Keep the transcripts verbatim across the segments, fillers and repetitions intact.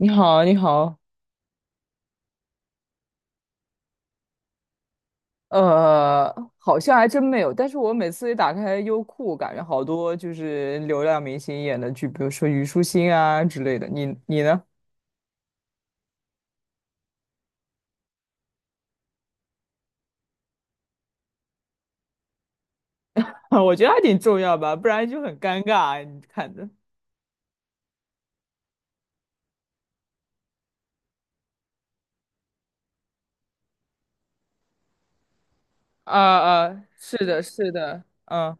你好，你好，呃，好像还真没有。但是我每次一打开优酷，感觉好多就是流量明星演的剧，比如说虞书欣啊之类的。你你呢？我觉得还挺重要吧，不然就很尴尬。你看的，啊啊，是的，是的，嗯。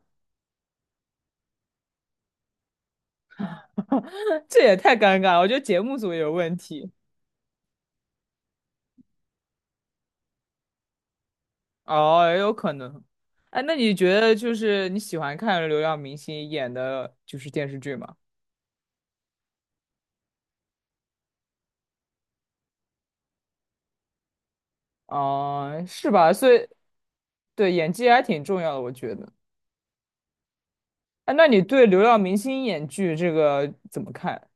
这也太尴尬了，我觉得节目组也有问题。哦，也有可能。哎，那你觉得就是你喜欢看流量明星演的就是电视剧吗？嗯、是吧？所以对演技还挺重要的，我觉得。哎，那你对流量明星演剧这个怎么看？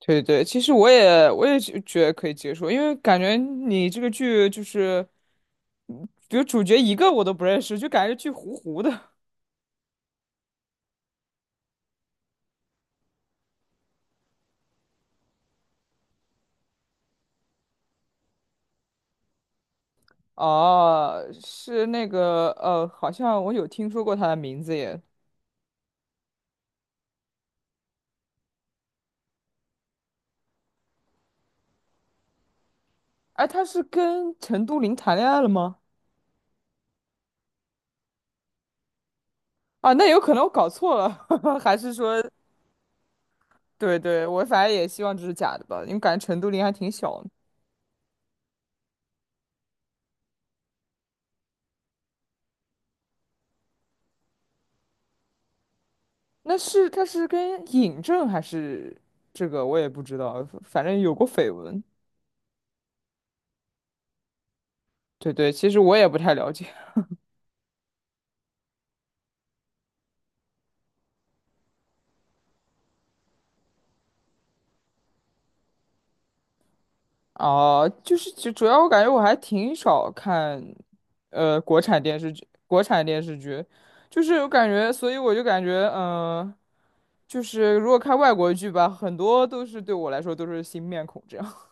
对对，其实我也我也觉觉得可以接受，因为感觉你这个剧就是，比如主角一个我都不认识，就感觉剧糊糊的。哦，是那个呃，好像我有听说过他的名字耶。哎，他是跟陈都灵谈恋爱了吗？啊，那有可能我搞错了。还是说对对，我反正也希望这是假的吧，因为感觉陈都灵还挺小的。那是他是跟尹正还是这个我也不知道，反正有过绯闻。对对，其实我也不太了解。哦、就是就主要我感觉我还挺少看，呃，国产电视剧，国产电视剧，就是我感觉，所以我就感觉，嗯、就是如果看外国剧吧，很多都是对我来说都是新面孔这样。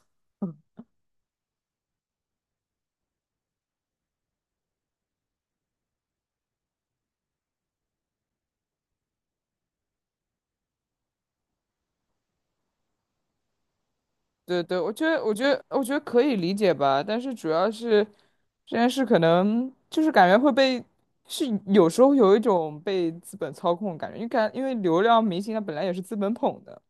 对对，我觉得，我觉得，我觉得可以理解吧，但是主要是这件事可能就是感觉会被，是有时候有一种被资本操控的感觉，因为感因为流量明星他本来也是资本捧的。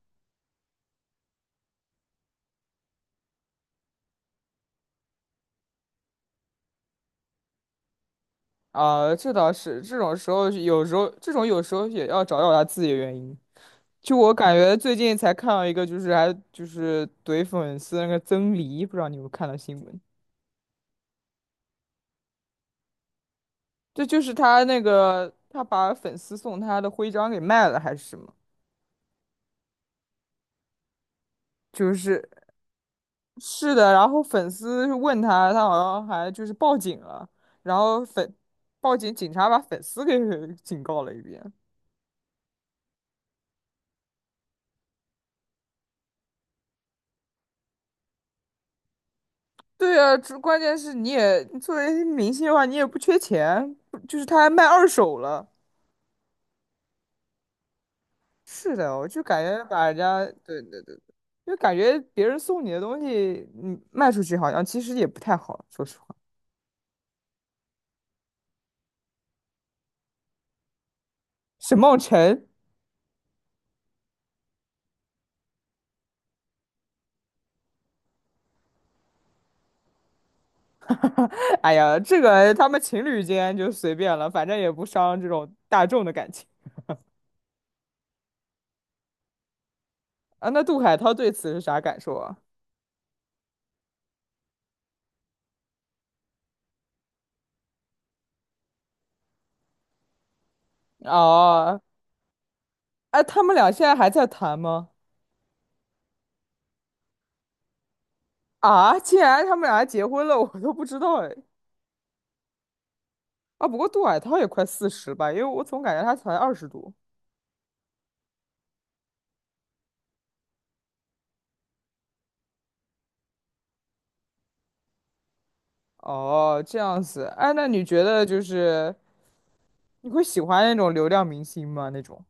啊，这倒是，这种时候有时候这种有时候也要找找他自己的原因。就我感觉最近才看到一个，就是还就是怼粉丝那个曾黎，不知道你有没有看到新闻？这就是他那个他把粉丝送他的徽章给卖了还是什么？就是是的，然后粉丝问他，他好像还就是报警了，然后粉报警，警察把粉丝给 警告了一遍。对呀，这关键是你也作为明星的话，你也不缺钱，就是他还卖二手了。是的，我就感觉把人家，对对对，就感觉别人送你的东西，你卖出去好像其实也不太好，说实话。沈梦辰，哎呀，这个他们情侣间就随便了，反正也不伤这种大众的感情。啊，那杜海涛对此是啥感受啊？哦，哎，他们俩现在还在谈吗？啊，竟然他们俩还结婚了，我都不知道哎。啊，不过杜海涛也快四十吧，因为我总感觉他才二十多。哦，这样子。哎，那你觉得就是你会喜欢那种流量明星吗？那种？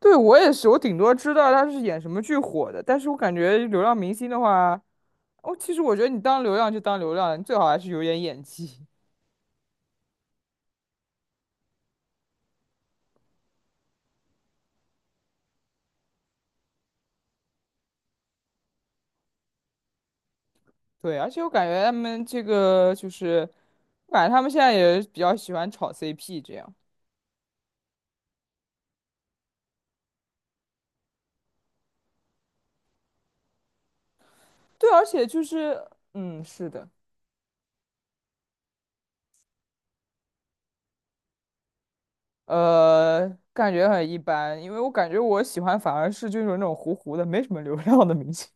对，我也是，我顶多知道他是演什么剧火的，但是我感觉流量明星的话，哦，其实我觉得你当流量就当流量了你最好还是有点演技。对，而且我感觉他们这个就是反正他们现在也比较喜欢炒 C P 这样。对，而且就是，嗯，是的，呃，感觉很一般，因为我感觉我喜欢反而是就是那种糊糊的，没什么流量的明星，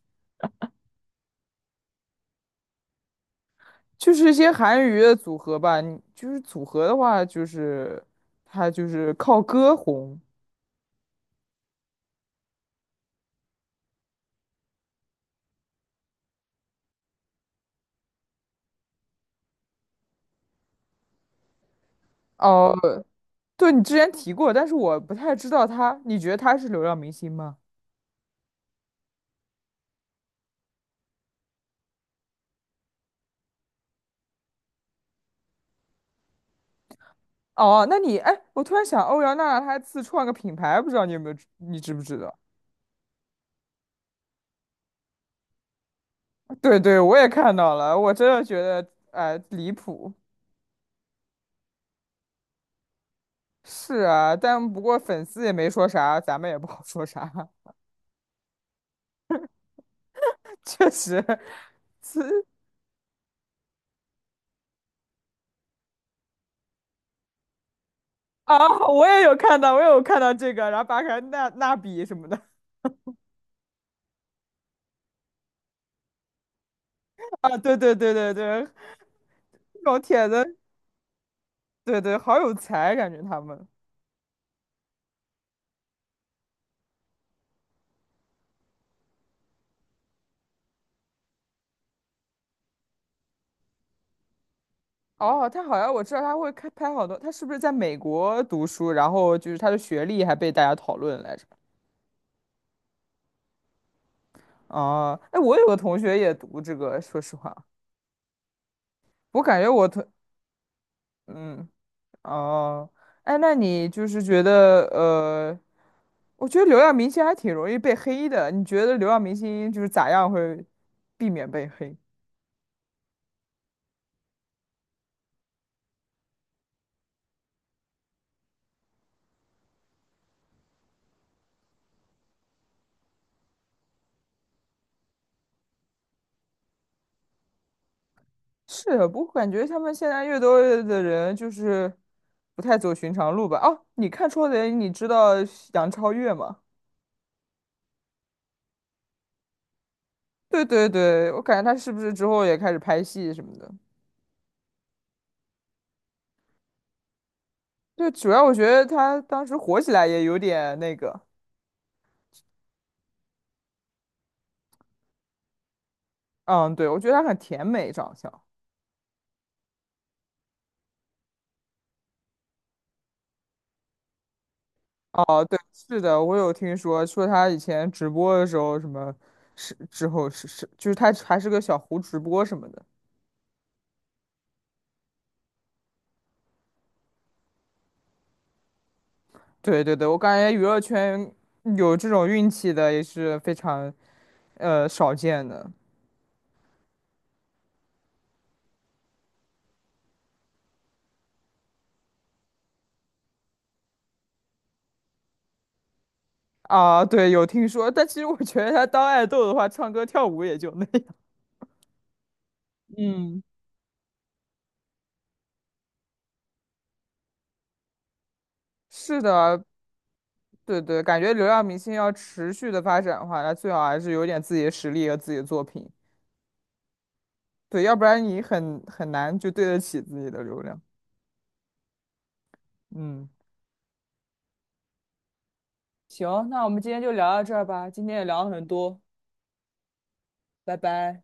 就是一些韩娱的组合吧。你就是组合的话，就是他就是靠歌红。哦，对，你之前提过，但是我不太知道他，你觉得他是流量明星吗？哦，那你，哎，我突然想，欧阳娜娜她自创个品牌，不知道你有没有知，你知不知道？对对，我也看到了，我真的觉得哎、呃离谱。是啊，但不过粉丝也没说啥，咱们也不好说啥。确实，是啊，我也有看到，我也有看到这个，然后扒开那那笔什么的 啊，对对对对对，这种帖子，对对，好有才，感觉他们。哦，他好像我知道他会开拍好多，他是不是在美国读书，然后就是他的学历还被大家讨论来着？哦，哎，我有个同学也读这个，说实话，我感觉我同。嗯，哦，哎，那你就是觉得呃，我觉得流量明星还挺容易被黑的。你觉得流量明星就是咋样会避免被黑？是的不过感觉他们现在越多的人就是不太走寻常路吧。哦，你看《超人》，你知道杨超越吗？对对对，我感觉她是不是之后也开始拍戏什么的？对，主要我觉得她当时火起来也有点那个，嗯，对，我觉得她很甜美长相。是的，我有听说，说他以前直播的时候，什么是之后是是，就是他还是个小胡直播什么的。对对对，我感觉娱乐圈有这种运气的也是非常呃少见的啊。对，有听说，但其实我觉得他当爱豆的话，唱歌跳舞也就那样。嗯，是的，对对，感觉流量明星要持续的发展的话，那最好还是有点自己的实力和自己的作品。对，要不然你很很难就对得起自己的流量。嗯。行，那我们今天就聊到这儿吧，今天也聊了很多，拜拜。